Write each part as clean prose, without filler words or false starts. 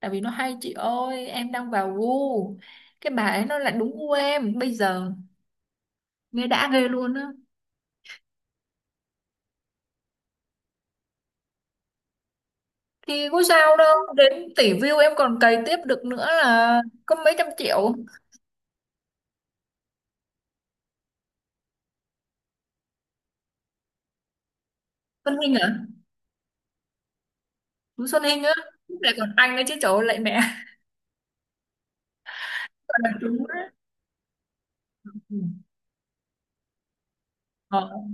Tại vì nó hay chị ơi, em đang vào gu cái bà ấy, nó lại đúng gu em bây giờ, nghe đã ghê luôn á. Thì có sao đâu, đến tỷ view em còn cày tiếp được nữa là, có mấy trăm triệu. Xuân Hinh à? Chú Xuân Hinh á. Lại còn anh ấy chứ, trời lại mẹ. Toàn là chú á. Ừ. Ờ,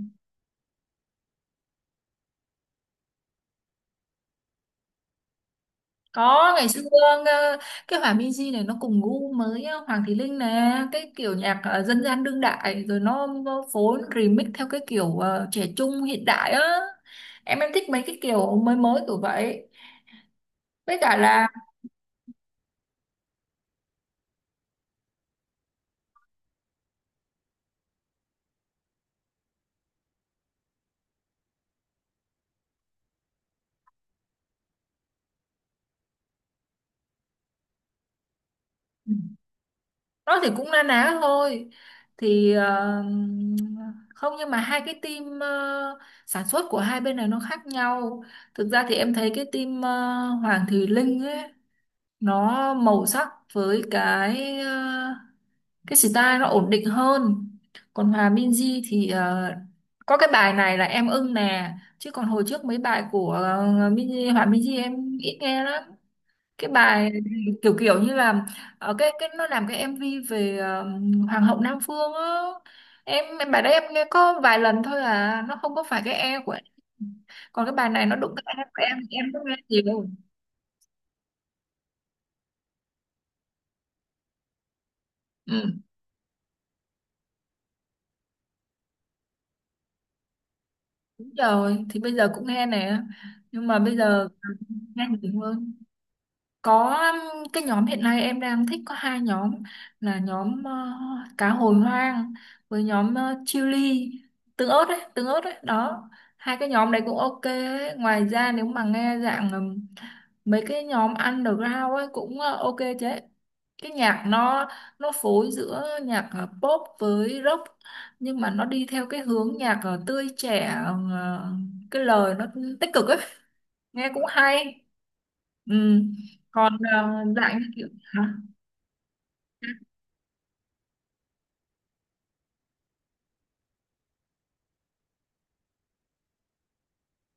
có, ngày xưa. ờ, cái Hòa Minzy này nó cùng gu mới á, Hoàng Thùy Linh nè, cái kiểu nhạc dân gian đương đại, rồi nó phối remix theo cái kiểu trẻ trung hiện đại á. Em thích mấy cái kiểu mới mới kiểu vậy, với cả là nó thì cũng na ná thôi. Thì không, nhưng mà hai cái team sản xuất của hai bên này nó khác nhau. Thực ra thì em thấy cái team Hoàng Thùy Linh ấy, nó màu sắc với cái style nó ổn định hơn. Còn Hòa Minzy thì có cái bài này là em ưng nè, chứ còn hồi trước mấy bài của Hòa Minzy em ít nghe lắm. Cái bài kiểu kiểu như là ở cái nó làm cái MV về Hoàng hậu Nam Phương á. Em bài đấy em nghe có vài lần thôi à, nó không có phải cái e của em. Còn cái bài này nó đụng cái e của em cũng nghe nhiều. Ừ, đúng rồi, thì bây giờ cũng nghe nè, nhưng mà bây giờ nghe nhiều hơn. Có, cái nhóm hiện nay em đang thích có hai nhóm, là nhóm cá hồi hoang với nhóm chili, tương ớt đấy, tương ớt đấy đó. Hai cái nhóm đấy cũng ok ấy. Ngoài ra nếu mà nghe dạng mấy cái nhóm underground ấy cũng ok chứ, cái nhạc nó phối giữa nhạc pop với rock, nhưng mà nó đi theo cái hướng nhạc tươi trẻ, ờ, cái lời nó tích cực ấy, nghe cũng hay. Ừ. Còn dạng như kiểu hả?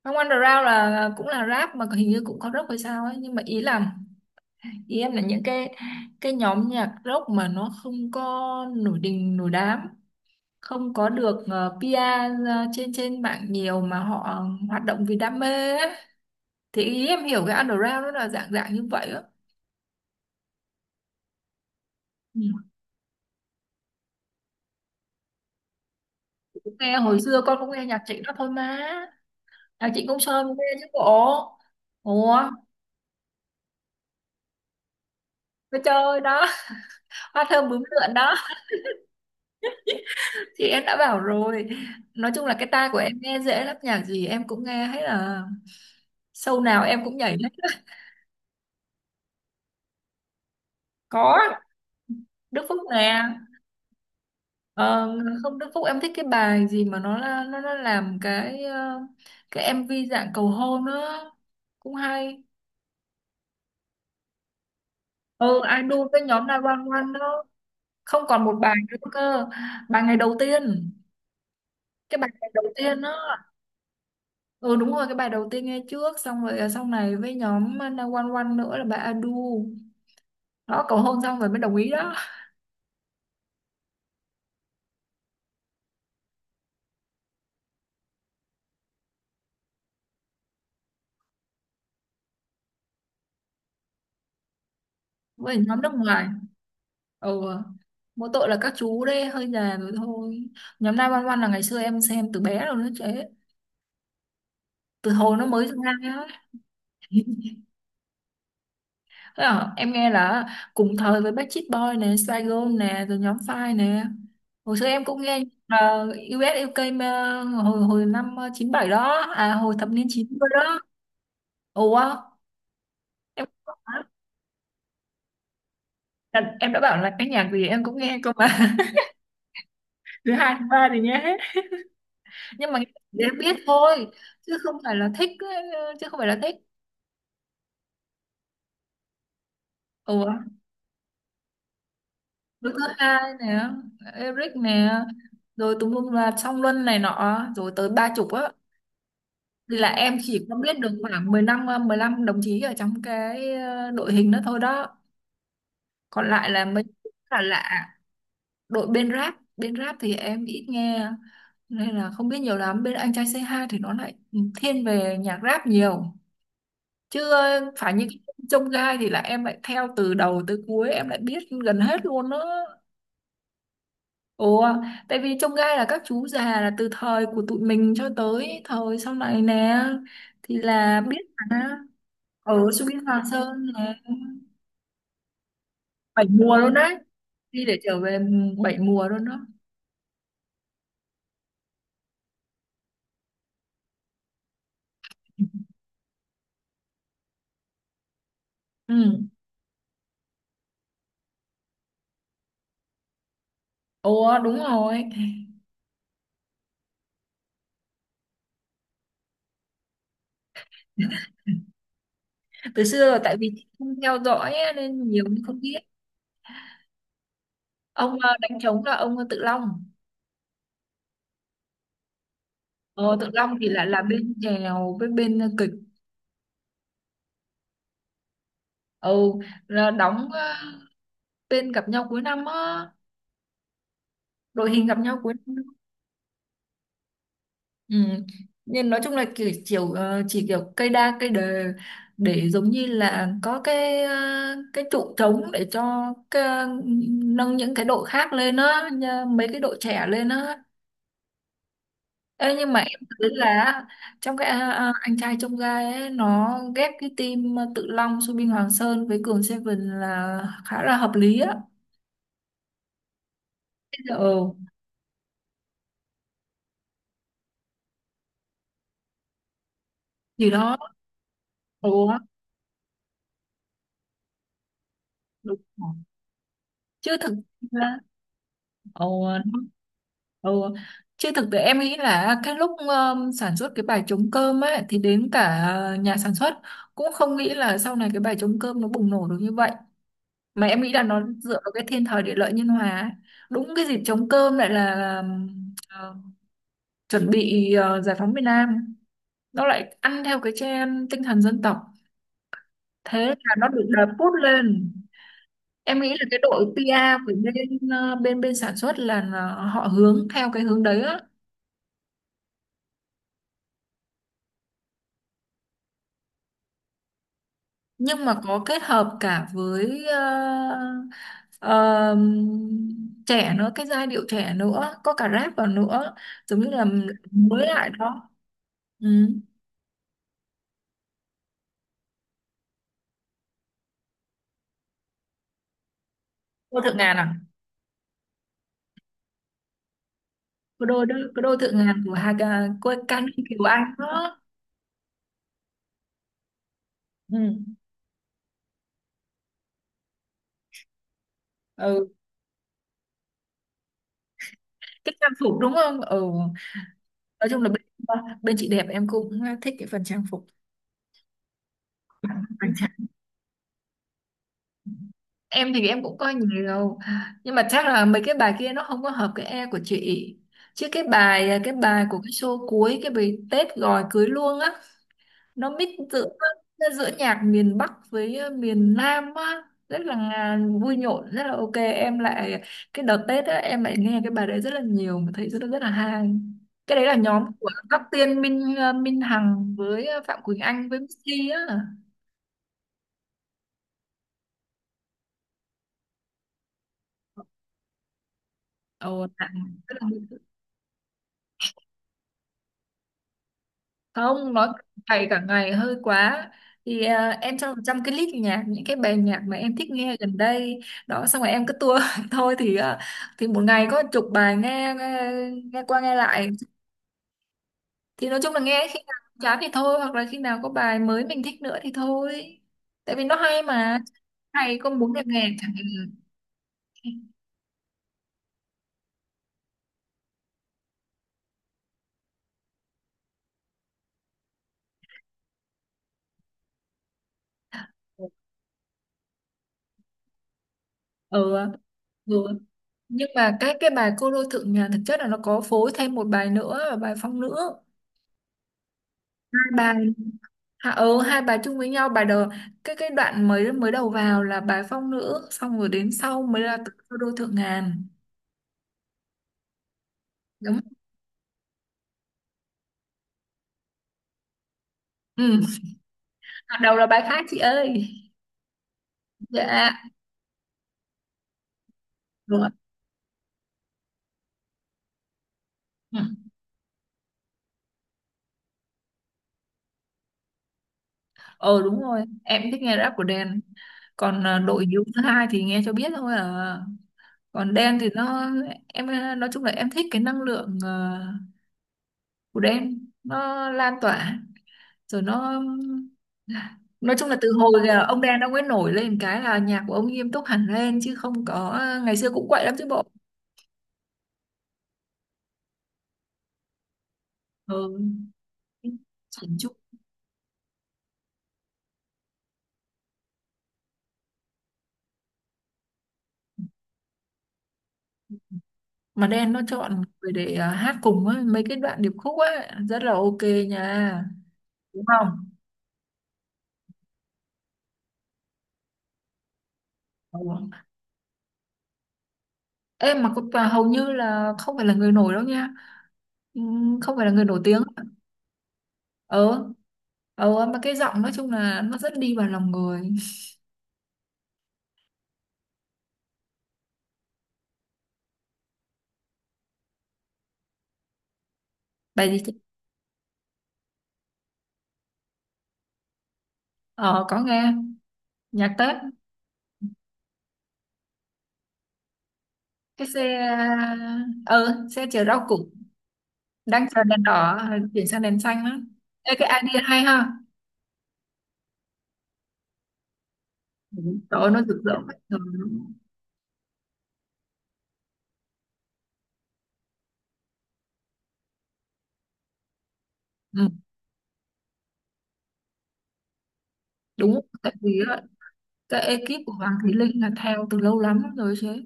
Không, underground là cũng là rap mà hình như cũng có rock hay sao ấy, nhưng mà ý em là những cái nhóm nhạc rock mà nó không có nổi đình nổi đám, không có được PR trên trên mạng nhiều mà họ hoạt động vì đam mê ấy. Thì ý em hiểu cái underground nó là dạng dạng như vậy á. Ừ. Cũng nghe, hồi xưa con cũng nghe nhạc Trịnh đó thôi mà, nhạc Trịnh Công Sơn cũng nghe chứ bộ. Ủa, nó chơi đó. Hoa thơm bướm lượn đó. Thì em đã bảo rồi, nói chung là cái tai của em nghe dễ lắm, nhạc gì em cũng nghe hết, là show nào em cũng nhảy hết. Có, Đức Phúc nè. ờ, Không, Đức Phúc em thích cái bài gì mà nó làm cái MV dạng cầu hôn nữa, cũng hay. Ừ, idol với nhóm 911 đó. Không, còn một bài nữa cơ, bài ngày đầu tiên. Cái bài ngày đầu tiên đó. Ừ đúng rồi, cái bài đầu tiên nghe trước xong rồi à, sau này với nhóm 911 nữa là bài Adu đó, cầu hôn xong rồi mới đồng ý đó. Với nhóm nước ngoài. Ừ, mỗi tội là các chú đấy hơi già rồi thôi. Nhóm 911 là ngày xưa em xem từ bé rồi nó chứ, từ hồi nó mới ra. Á. Thế à, em nghe là cùng thời với Backstreet Boy nè, Spice Girls nè, rồi nhóm Five nè, hồi xưa em cũng nghe. Là US UK mà hồi hồi năm 97 đó à, hồi thập niên 90 đó. Ủa. Em đã bảo là cái nhạc gì em cũng nghe cơ mà. Thứ hai thứ ba thì nghe hết, nhưng mà để biết thôi, chứ không phải là thích ấy, chứ không phải là thích. Ủa, đứa thứ hai nè, Eric nè, rồi tùm lum là Song Luân này nọ, rồi tới 30 á. Thì là em chỉ có biết được khoảng 15 mười 15 đồng chí ở trong cái đội hình đó thôi đó. Còn lại là mấy, là lạ. Đội bên rap thì em ít nghe, nên là không biết nhiều lắm. Bên anh trai c hai thì nó lại thiên về nhạc rap nhiều, chứ phải những cái trông gai thì là em lại theo từ đầu tới cuối, em lại biết gần hết luôn đó. Ồ. Tại vì trông gai là các chú già, là từ thời của tụi mình cho tới thời sau này nè, thì là biết. Mà ở Subin Hòa Sơn là 7 mùa luôn đấy, đi để trở về 7 mùa luôn đó. Ừ. Ồ đúng rồi, từ xưa là tại vì không theo dõi á, nên nhiều cũng không biết. Ông đánh trống là ông Tự Long. Ờ, Tự Long thì là bên chèo với bên kịch. Ừ, là đóng tên gặp nhau cuối năm á, đội hình gặp nhau cuối năm. Ừ. Nhưng nói chung là kiểu chiều chỉ kiểu cây đa cây đề, để giống như là có cái cái trụ trống để cho nâng những cái đội khác lên á, mấy cái đội trẻ lên á. Ê, nhưng mà em thấy là trong cái anh trai trong gai ấy, nó ghép cái team Tự Long, Subin Hoàng Sơn với Cường Seven là khá là hợp lý á. Bây giờ, ừ, thì đó, đúng, đúng. Chứ thực. Ồ, ồ, chứ thực tế em nghĩ là cái lúc sản xuất cái bài trống cơm ấy, thì đến cả nhà sản xuất cũng không nghĩ là sau này cái bài trống cơm nó bùng nổ được như vậy. Mà em nghĩ là nó dựa vào cái thiên thời địa lợi nhân hòa ấy. Đúng, cái dịp trống cơm lại là ờ, chuẩn bị giải phóng miền Nam, nó lại ăn theo cái trend tinh thần dân tộc, thế là nó được đập bút lên. Em nghĩ là cái đội PR của bên ờ, bên bên sản xuất là họ hướng theo cái hướng đấy á. Nhưng mà có kết hợp cả với ờ, trẻ nữa, cái giai điệu trẻ nữa, có cả rap vào nữa, giống như là mới lại đó. Ừ. Cô Thượng Ngàn à? Cô đôi đó, cô đôi Thượng Ngàn của Hà, cô Can Kiều Anh đó. Ừ. Ừ. Cái trang phục đúng không? Ừ. Nói chung là bên, bên chị đẹp em cũng thích cái phần trang phục. Em thì em cũng coi nhiều, nhưng mà chắc là mấy cái bài kia nó không có hợp cái e của chị. Chứ cái bài của cái show cuối, cái bài Tết gọi cưới luôn á, nó mix giữa, nó giữa nhạc miền Bắc với miền Nam á, rất là vui nhộn, rất là ok. Em lại cái đợt Tết á, em lại nghe cái bài đấy rất là nhiều, mà thấy rất là hay. Cái đấy là nhóm của Tóc Tiên, Minh Hằng với Phạm Quỳnh Anh với Missy á. Ồ, rất, không nói, thầy cả ngày hơi quá. Thì em cho 100 cái list nhạc những cái bài nhạc mà em thích nghe gần đây đó, xong rồi em cứ tua thôi, thì thì một ngày có chục bài nghe, nghe nghe qua nghe lại. Thì nói chung là nghe khi nào chán thì thôi, hoặc là khi nào có bài mới mình thích nữa thì thôi, tại vì nó hay mà, hay có muốn nghe nghe chẳng hạn. Ừ, ừ. Nhưng mà cái bài cô đô thượng nhà thực chất là nó có phối thêm một bài nữa, và bài phong nữ. Hai bài, hạ ừ, hai bà chung với nhau, bà đầu, cái đoạn mới mới đầu vào là bà phong nữ, xong rồi đến sau mới là tự do đô thượng ngàn. Đúng. Ừ. Đoạn đầu là bài khác chị ơi. Dạ, đúng rồi. Ừ. Ờ đúng rồi, em thích nghe rap của Đen. Còn đội yếu thứ hai thì nghe cho biết thôi à. Còn Đen thì nó, em nói chung là em thích cái năng lượng của Đen nó lan tỏa, rồi nó, nói chung là từ hồi là ông Đen ông ấy nổi lên cái là nhạc của ông nghiêm túc hẳn lên, chứ không có ngày xưa cũng quậy lắm chứ bộ. Ừ. Chỉnh chút. Mà Đen nó chọn người để hát cùng ấy, mấy cái đoạn điệp khúc ấy rất là ok nha, đúng không. Ừ. Em mà và hầu như là không phải là người nổi đâu nha. Ừ, không phải là người nổi tiếng. Ờ, ờ, mà cái giọng nói chung là nó rất đi vào lòng người. Bài gì chứ? Ờ, có nghe, nhạc Tết. Cái xe, ờ ừ, xe chở rau củ đang chờ đèn đỏ, ờ, chuyển sang đèn xanh á. Ê, cái idea hay ha. Ừ, trời ơi, nó rực rỡ quá trời luôn. Ừ, đúng, tại vì á, cái ekip của Hoàng Thùy Linh là theo từ lâu lắm rồi chứ,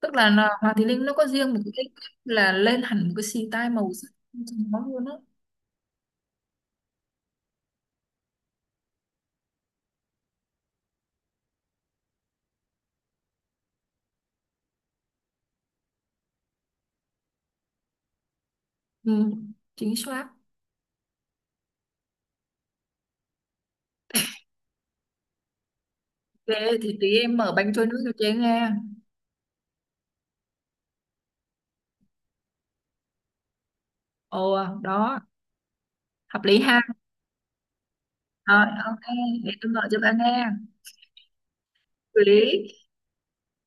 tức là Hoàng Thùy Linh nó có riêng một cái ekip, là lên hẳn một cái xì tai màu sắc cho nó luôn á. Ừ, chính xác. Về thì tí em mở bánh trôi nước cho chế nghe. Ồ đó, hợp lý ha. Rồi ok, để tôi gọi cho bạn nghe hợp lý